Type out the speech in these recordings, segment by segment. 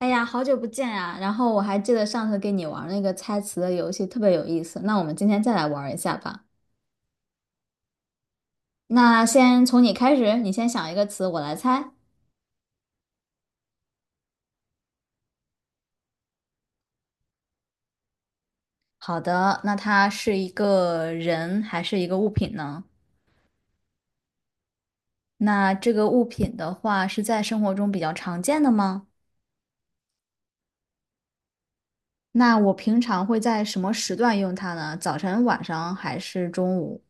哎呀，好久不见呀！然后我还记得上次跟你玩那个猜词的游戏，特别有意思。那我们今天再来玩一下吧。那先从你开始，你先想一个词，我来猜。好的，那它是一个人还是一个物品呢？那这个物品的话是在生活中比较常见的吗？那我平常会在什么时段用它呢？早晨、晚上还是中午？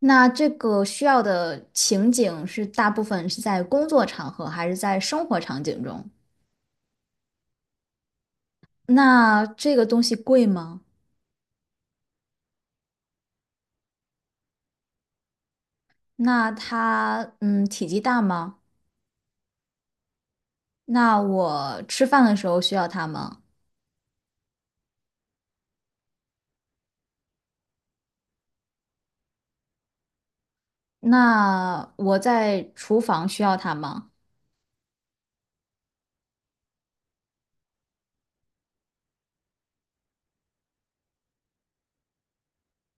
那这个需要的情景是大部分是在工作场合还是在生活场景中？那这个东西贵吗？那它体积大吗？那我吃饭的时候需要它吗？那我在厨房需要它吗？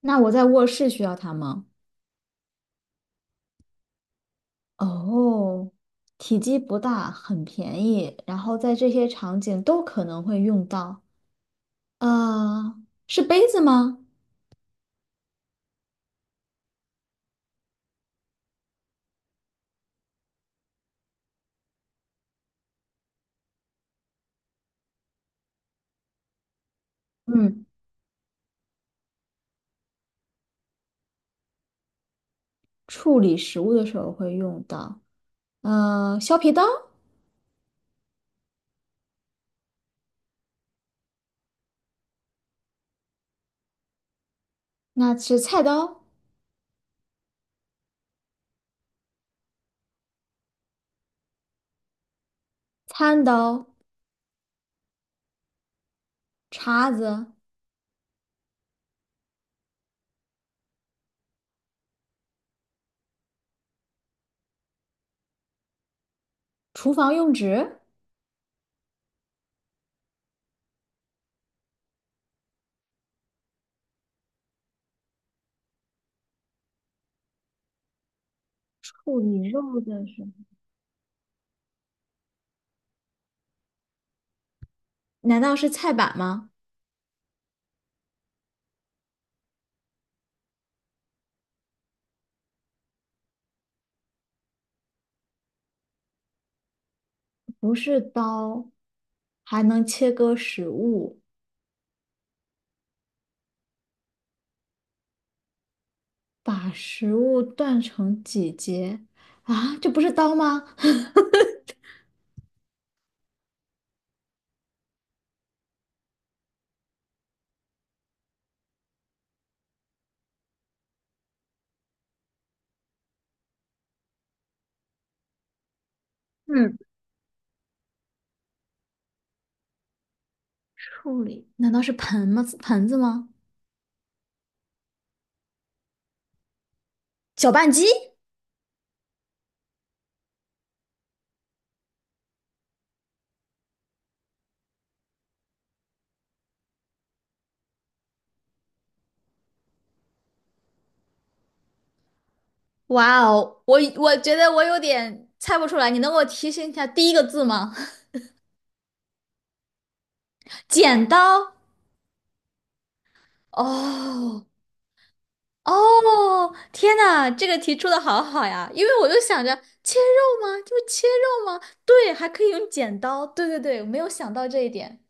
那我在卧室需要它吗？哦，体积不大，很便宜，然后在这些场景都可能会用到。呃，是杯子吗？嗯，处理食物的时候会用到。削皮刀，那是菜刀、餐刀、叉子。厨房用纸？处理肉的时候，难道是菜板吗？不是刀，还能切割食物，把食物断成几节啊？这不是刀吗？嗯，处理，难道是盆吗？盆子吗？搅拌机？哇哦，我觉得我有点猜不出来，你能给我提醒一下第一个字吗？剪刀。哦，哦，天呐，这个题出的好好呀！因为我就想着切肉吗？就是切肉吗？对，还可以用剪刀。对对对，我没有想到这一点。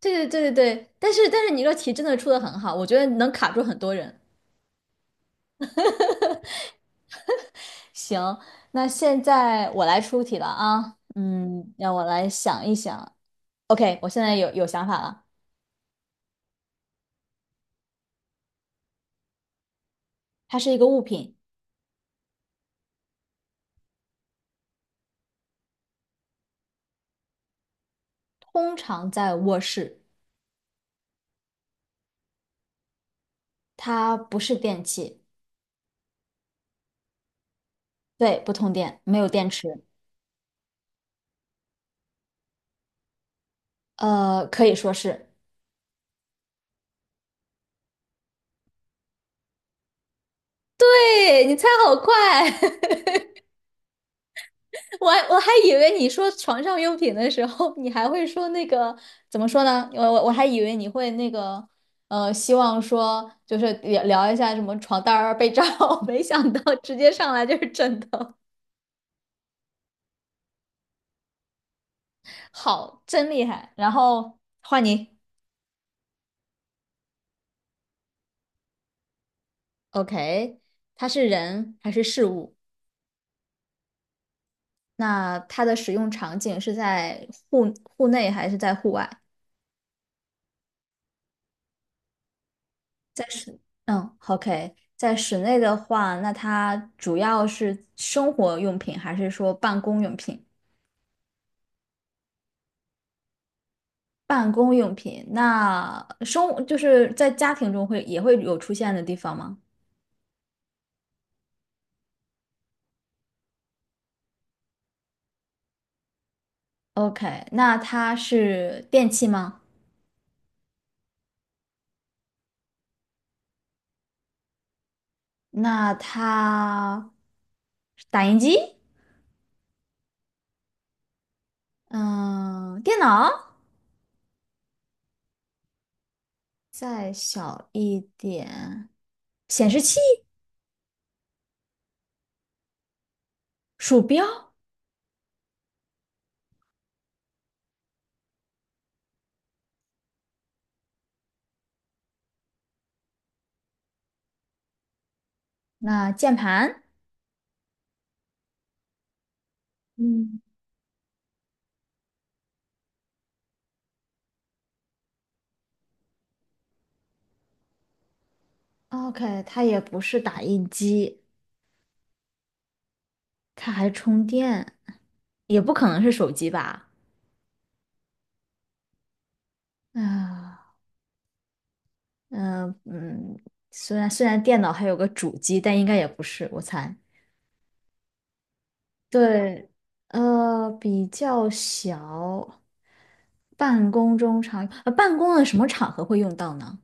对对对对对，但是你这个题真的出的很好，我觉得能卡住很多人。行，那现在我来出题了啊。嗯，让我来想一想。OK，我现在有想法了。它是一个物品，通常在卧室，它不是电器，对，不通电，没有电池，可以说是。对，你猜好快！我还以为你说床上用品的时候，你还会说那个怎么说呢？我还以为你会那个希望说就是聊聊一下什么床单儿啊、被罩啊，没想到直接上来就是枕头，好，真厉害！然后换你，OK，它是人还是事物？那它的使用场景是在户内还是在户外？在室，嗯，OK，在室内的话，那它主要是生活用品还是说办公用品？办公用品，那生就是在家庭中会也会有出现的地方吗？OK，那它是电器吗？那它是打印机？嗯，电脑？再小一点，显示器、鼠标，那键盘？嗯。OK，它也不是打印机，它还充电也不可能是手机吧？啊，嗯、嗯，虽然电脑还有个主机，但应该也不是，我猜。对，呃，比较小，办公中常，办公的什么场合会用到呢？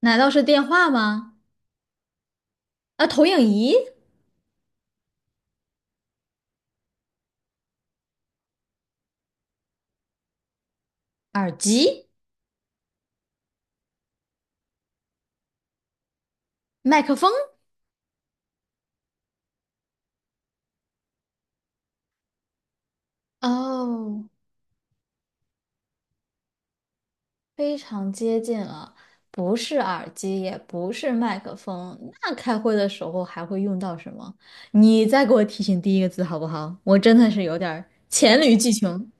难道是电话吗？啊，投影仪、耳机、麦克风？哦，非常接近了，不是耳机，也不是麦克风，那开会的时候还会用到什么？你再给我提醒第一个字好不好？我真的是有点儿黔驴技穷。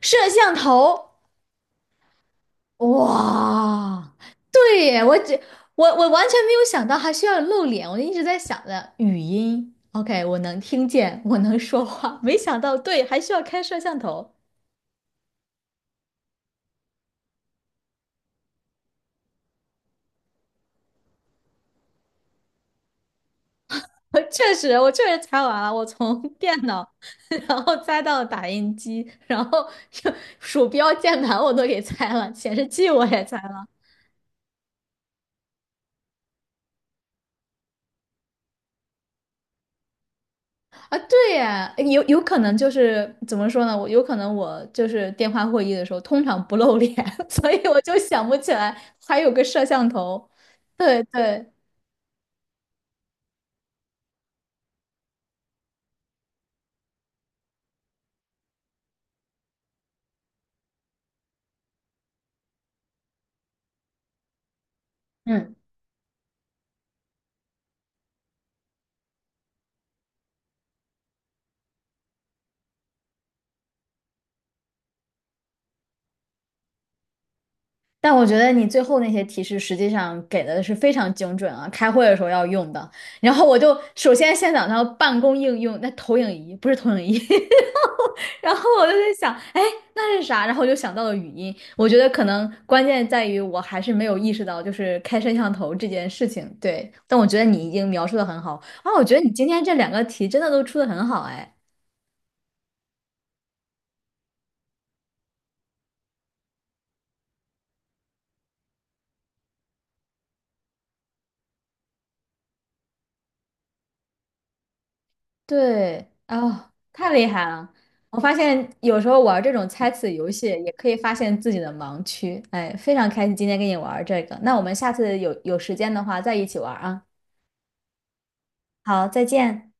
摄像头，哇，对耶，我只我我完全没有想到还需要露脸，我就一直在想着语音，OK，我能听见，我能说话，没想到对，还需要开摄像头。我确实，我确实猜完了，我从 电脑，然后猜到打印机，然后就鼠标、键盘我都给拆了，显示器我也拆了啊，对呀，有可能就是怎么说呢？我有可能我就是电话会议的时候通常不露脸，所以我就想不起来还有个摄像头。对对，嗯。但我觉得你最后那些提示实际上给的是非常精准啊，开会的时候要用的。然后我就首先先想到办公应用，那投影仪不是投影仪，然后我就在想，哎，那是啥？然后我就想到了语音。我觉得可能关键在于我还是没有意识到，就是开摄像头这件事情。对，但我觉得你已经描述的很好啊，我觉得你今天这两个题真的都出的很好，哎。对，啊，太厉害了！我发现有时候玩这种猜词游戏也可以发现自己的盲区，哎，非常开心今天跟你玩这个。那我们下次有时间的话再一起玩啊。好，再见。